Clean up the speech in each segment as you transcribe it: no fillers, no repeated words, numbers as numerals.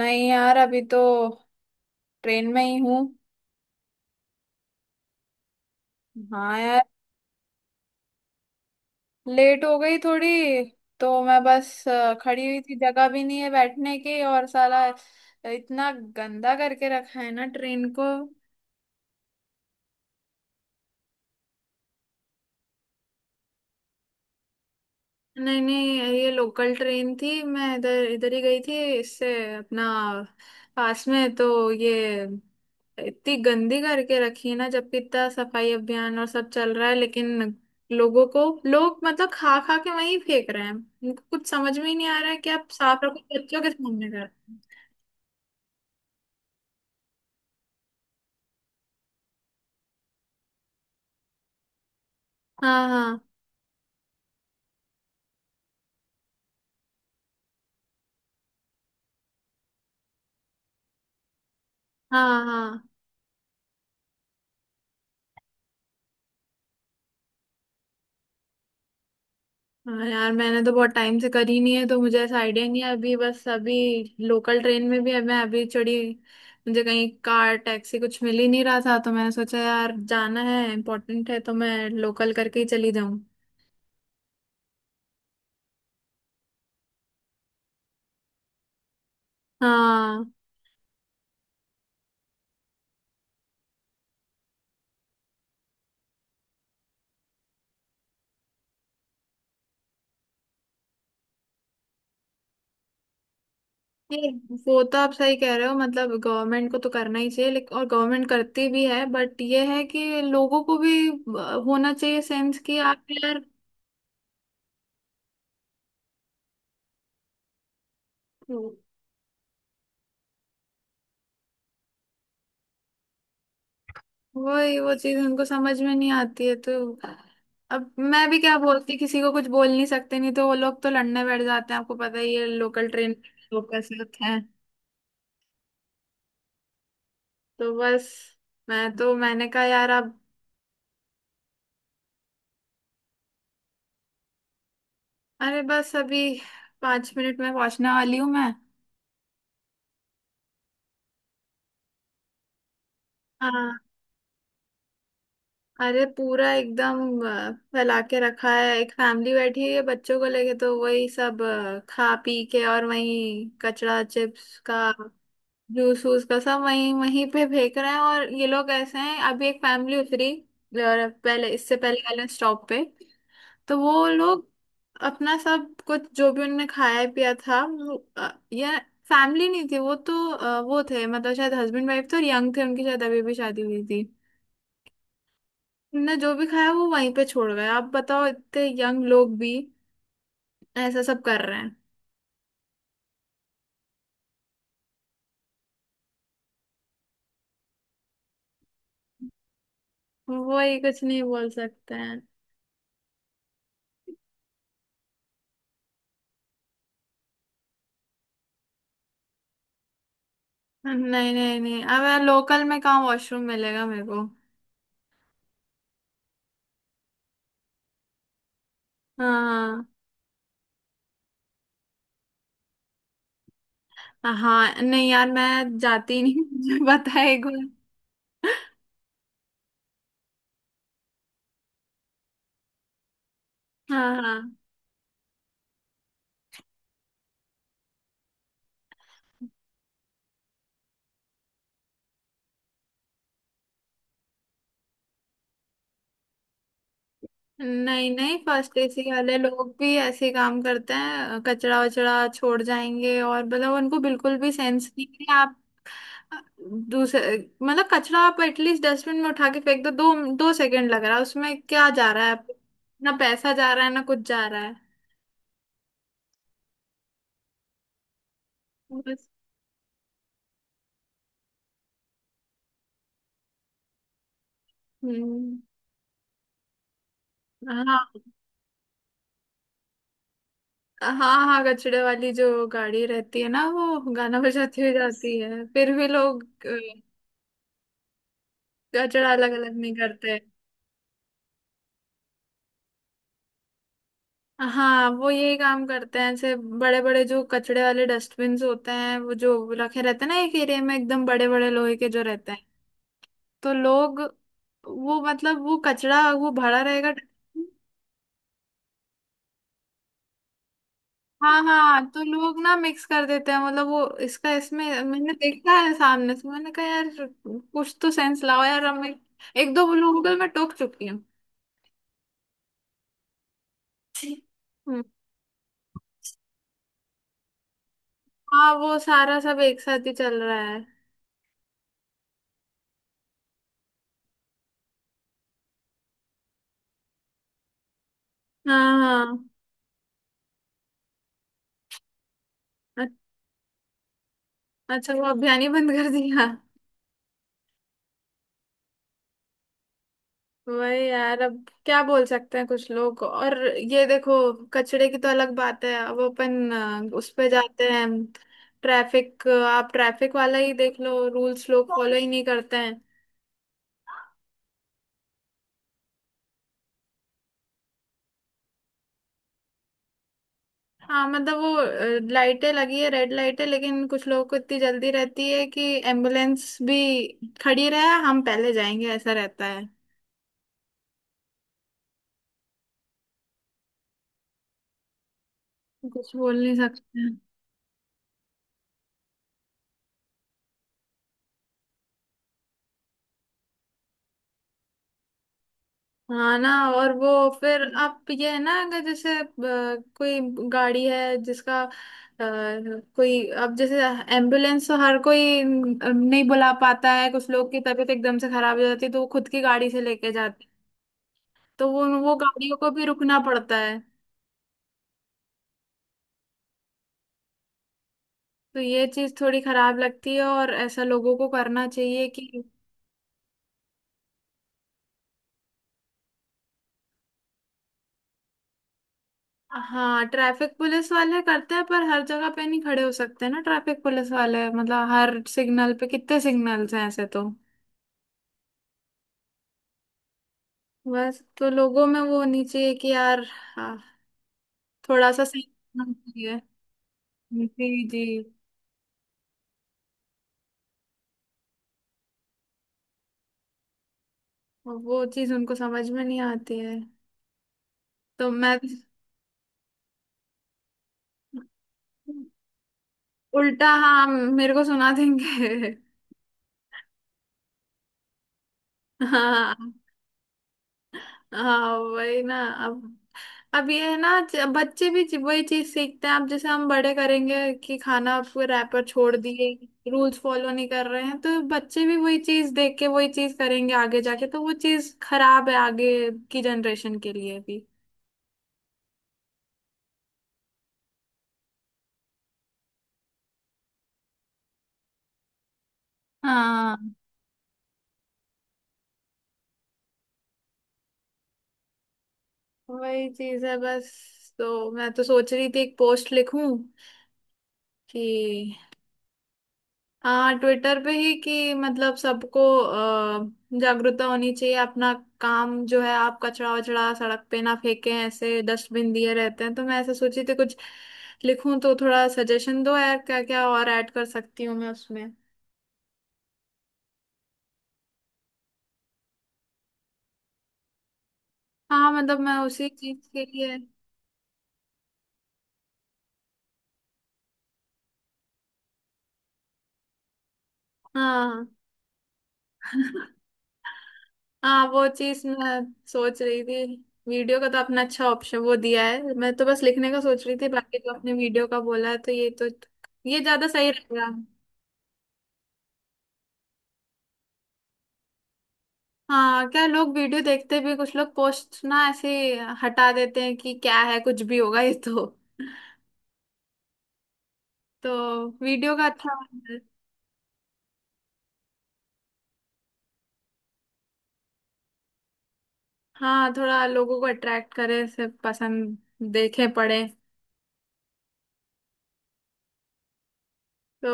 नहीं यार, अभी तो ट्रेन में ही हूँ। हाँ यार। लेट हो गई थोड़ी, तो मैं बस खड़ी हुई थी, जगह भी नहीं है बैठने की, और साला इतना गंदा करके रखा है ना ट्रेन को। नहीं नहीं, ये लोकल ट्रेन थी, मैं इधर इधर ही गई थी इससे, अपना पास में तो, ये इतनी गंदी करके रखी है ना, जबकि इतना सफाई अभियान और सब चल रहा है, लेकिन लोगों को, लोग मतलब खा खा के वहीं फेंक रहे हैं, उनको कुछ समझ में ही नहीं आ रहा है कि आप साफ रखो बच्चों के सामने कर। हाँ, हाँ, हाँ, हाँ। हाँ यार, मैंने तो बहुत टाइम से करी नहीं है तो मुझे ऐसा आइडिया नहीं है, अभी बस, अभी लोकल ट्रेन में भी मैं अभी चढ़ी। मुझे कहीं कार, टैक्सी कुछ मिल ही नहीं रहा था, तो मैंने सोचा यार जाना है, इम्पोर्टेंट है, तो मैं लोकल करके ही चली जाऊं। हाँ। ये, वो तो आप सही कह रहे हो, मतलब गवर्नमेंट को तो करना ही चाहिए, लेकिन, और गवर्नमेंट करती भी है, बट ये है कि लोगों को भी होना चाहिए सेंस, कि आप यार, वही, वो चीज उनको समझ में नहीं आती है, तो अब मैं भी क्या बोलती, किसी को कुछ बोल नहीं सकते, नहीं तो वो लोग तो लड़ने बैठ जाते हैं, आपको पता ही है लोकल ट्रेन लोग कैसे होते हैं। तो बस, मैं तो, मैंने कहा यार अब, अरे बस अभी पांच मिनट में पहुंचने वाली हूँ मैं। हाँ। अरे पूरा एकदम फैला के रखा है, एक फैमिली बैठी है बच्चों को लेके, तो वही सब खा पी के, और वही कचड़ा चिप्स का, जूस वूस का सब वहीं वहीं पे फेंक रहे हैं, और ये लोग ऐसे हैं। अभी एक फैमिली उतरी, और पहले, इससे पहले वाले स्टॉप पे, तो वो लोग अपना सब कुछ जो भी उनने खाया पिया था, वो, या, फैमिली नहीं थी वो तो, वो थे मतलब शायद हस्बैंड वाइफ थे, और यंग थे, उनकी शायद अभी भी शादी हुई थी। उनने जो भी खाया वो वहीं पे छोड़ गए। आप बताओ, इतने यंग लोग भी ऐसा सब कर रहे हैं। वही, कुछ नहीं बोल सकते हैं। नहीं, नहीं, नहीं, अब लोकल में कहाँ वॉशरूम मिलेगा मेरे को। हाँ, हाँ, हाँ, नहीं यार मैं जाती ही नहीं मुझे पता है एक बार। हाँ, हाँ। नहीं नहीं, फर्स्ट एसी वाले लोग भी ऐसे ही काम करते हैं, कचरा वचड़ा छोड़ जाएंगे, और मतलब उनको बिल्कुल भी सेंस नहीं है। आप दूसरे, मतलब कचरा आप एटलीस्ट डस्टबिन में उठा के फेंक दो, दो सेकंड लग रहा है उसमें, क्या जा रहा है, ना पैसा जा रहा है ना कुछ जा रहा है। बस। हम्म। हाँ, हाँ, हाँ, कचड़े वाली जो गाड़ी रहती है ना, वो गाना बजाती हुई जाती है, फिर भी लोग कचड़ा अलग अलग नहीं करते। हाँ, वो यही काम करते हैं, ऐसे बड़े बड़े जो कचड़े वाले डस्टबिन होते हैं, वो जो रखे रहते हैं ना एक एरिया में, एकदम बड़े बड़े लोहे के जो रहते हैं, तो लोग, वो मतलब, वो कचड़ा वो भरा रहेगा। हाँ हाँ, तो लोग ना मिक्स कर देते हैं, मतलब वो इसका इसमें, मैंने देखा है सामने से। मैंने कहा यार कुछ तो सेंस लाओ यार, अब मैं एक दो लोगों को मैं टोक चुकी हूँ। हम्म, हाँ, वो सारा सब एक साथ ही चल रहा है। हाँ हाँ। अ- अच्छा, वो अभियान ही बंद कर दिया। वही यार, अब क्या बोल सकते हैं कुछ लोग। और ये देखो, कचड़े की तो अलग बात है, अब अपन उस पे जाते हैं, ट्रैफिक, आप ट्रैफिक वाला ही देख लो, रूल्स लोग फॉलो ही नहीं करते हैं। हाँ मतलब वो लाइटें लगी है, रेड लाइटें, लेकिन कुछ लोगों को इतनी जल्दी रहती है कि एम्बुलेंस भी खड़ी रहे, हम पहले जाएंगे, ऐसा रहता है। कुछ बोल नहीं सकते। हाँ ना। और वो फिर, आप ये है ना, अगर जैसे कोई गाड़ी है, जिसका कोई, अब जैसे एम्बुलेंस तो हर कोई नहीं बुला पाता है, कुछ लोग की तबीयत एकदम से खराब हो जाती है तो वो खुद की गाड़ी से लेके जाते हैं। तो वो गाड़ियों को भी रुकना पड़ता है। तो ये चीज थोड़ी खराब लगती है, और ऐसा लोगों को करना चाहिए कि, हाँ, ट्रैफिक पुलिस वाले करते हैं, पर हर जगह पे नहीं खड़े हो सकते ना ट्रैफिक पुलिस वाले, मतलब हर सिग्नल पे, कितने सिग्नल्स हैं ऐसे तो। बस तो लोगों में वो होनी चाहिए कि यार, हाँ, थोड़ा सा सही होना चाहिए। जी जी, वो चीज उनको समझ में नहीं आती है, तो मैं, उल्टा, हाँ, मेरे को सुना देंगे। हाँ हाँ, वही ना। अब अब ये है ना, बच्चे भी वही चीज सीखते हैं, अब जैसे हम बड़े करेंगे कि खाना आपको, रैपर छोड़ दिए, रूल्स फॉलो नहीं कर रहे हैं, तो बच्चे भी वही चीज देख के वही चीज करेंगे आगे जाके, तो वो चीज खराब है आगे की जनरेशन के लिए भी। हाँ, वही चीज है। बस तो मैं तो सोच रही थी एक पोस्ट लिखूं कि, हाँ ट्विटर पे ही, कि मतलब सबको जागरूकता होनी चाहिए, अपना काम जो है आप, कचरा वचड़ा सड़क पे ना फेंकें, ऐसे डस्टबिन दिए रहते हैं, तो मैं ऐसे सोची थी कुछ लिखूं, तो थोड़ा सजेशन दो यार, क्या क्या और ऐड कर सकती हूँ मैं उसमें। हाँ, मतलब मैं उसी चीज के लिए, हाँ हाँ, वो चीज मैं सोच रही थी। वीडियो का तो आपने अच्छा ऑप्शन वो दिया है, मैं तो बस लिखने का सोच रही थी, बाकी जो आपने वीडियो का बोला है तो ये तो, ये ज्यादा सही रहेगा। हाँ, क्या लोग वीडियो देखते भी, कुछ लोग पोस्ट ना ऐसे ही हटा देते हैं कि क्या है, कुछ भी होगा ये तो वीडियो का अच्छा है। हाँ, थोड़ा लोगों को अट्रैक्ट करे ऐसे, पसंद देखे पड़े तो,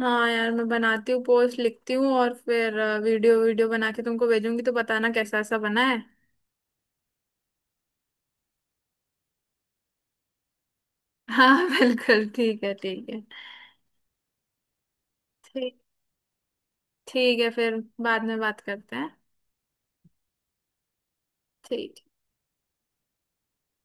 हाँ यार मैं बनाती हूँ पोस्ट, लिखती हूँ, और फिर वीडियो वीडियो बना के तुमको भेजूंगी तो बताना कैसा सा बना है। हाँ बिल्कुल ठीक है, ठीक है। ठीक। ठीक है, फिर बाद में बात करते हैं। ठीक।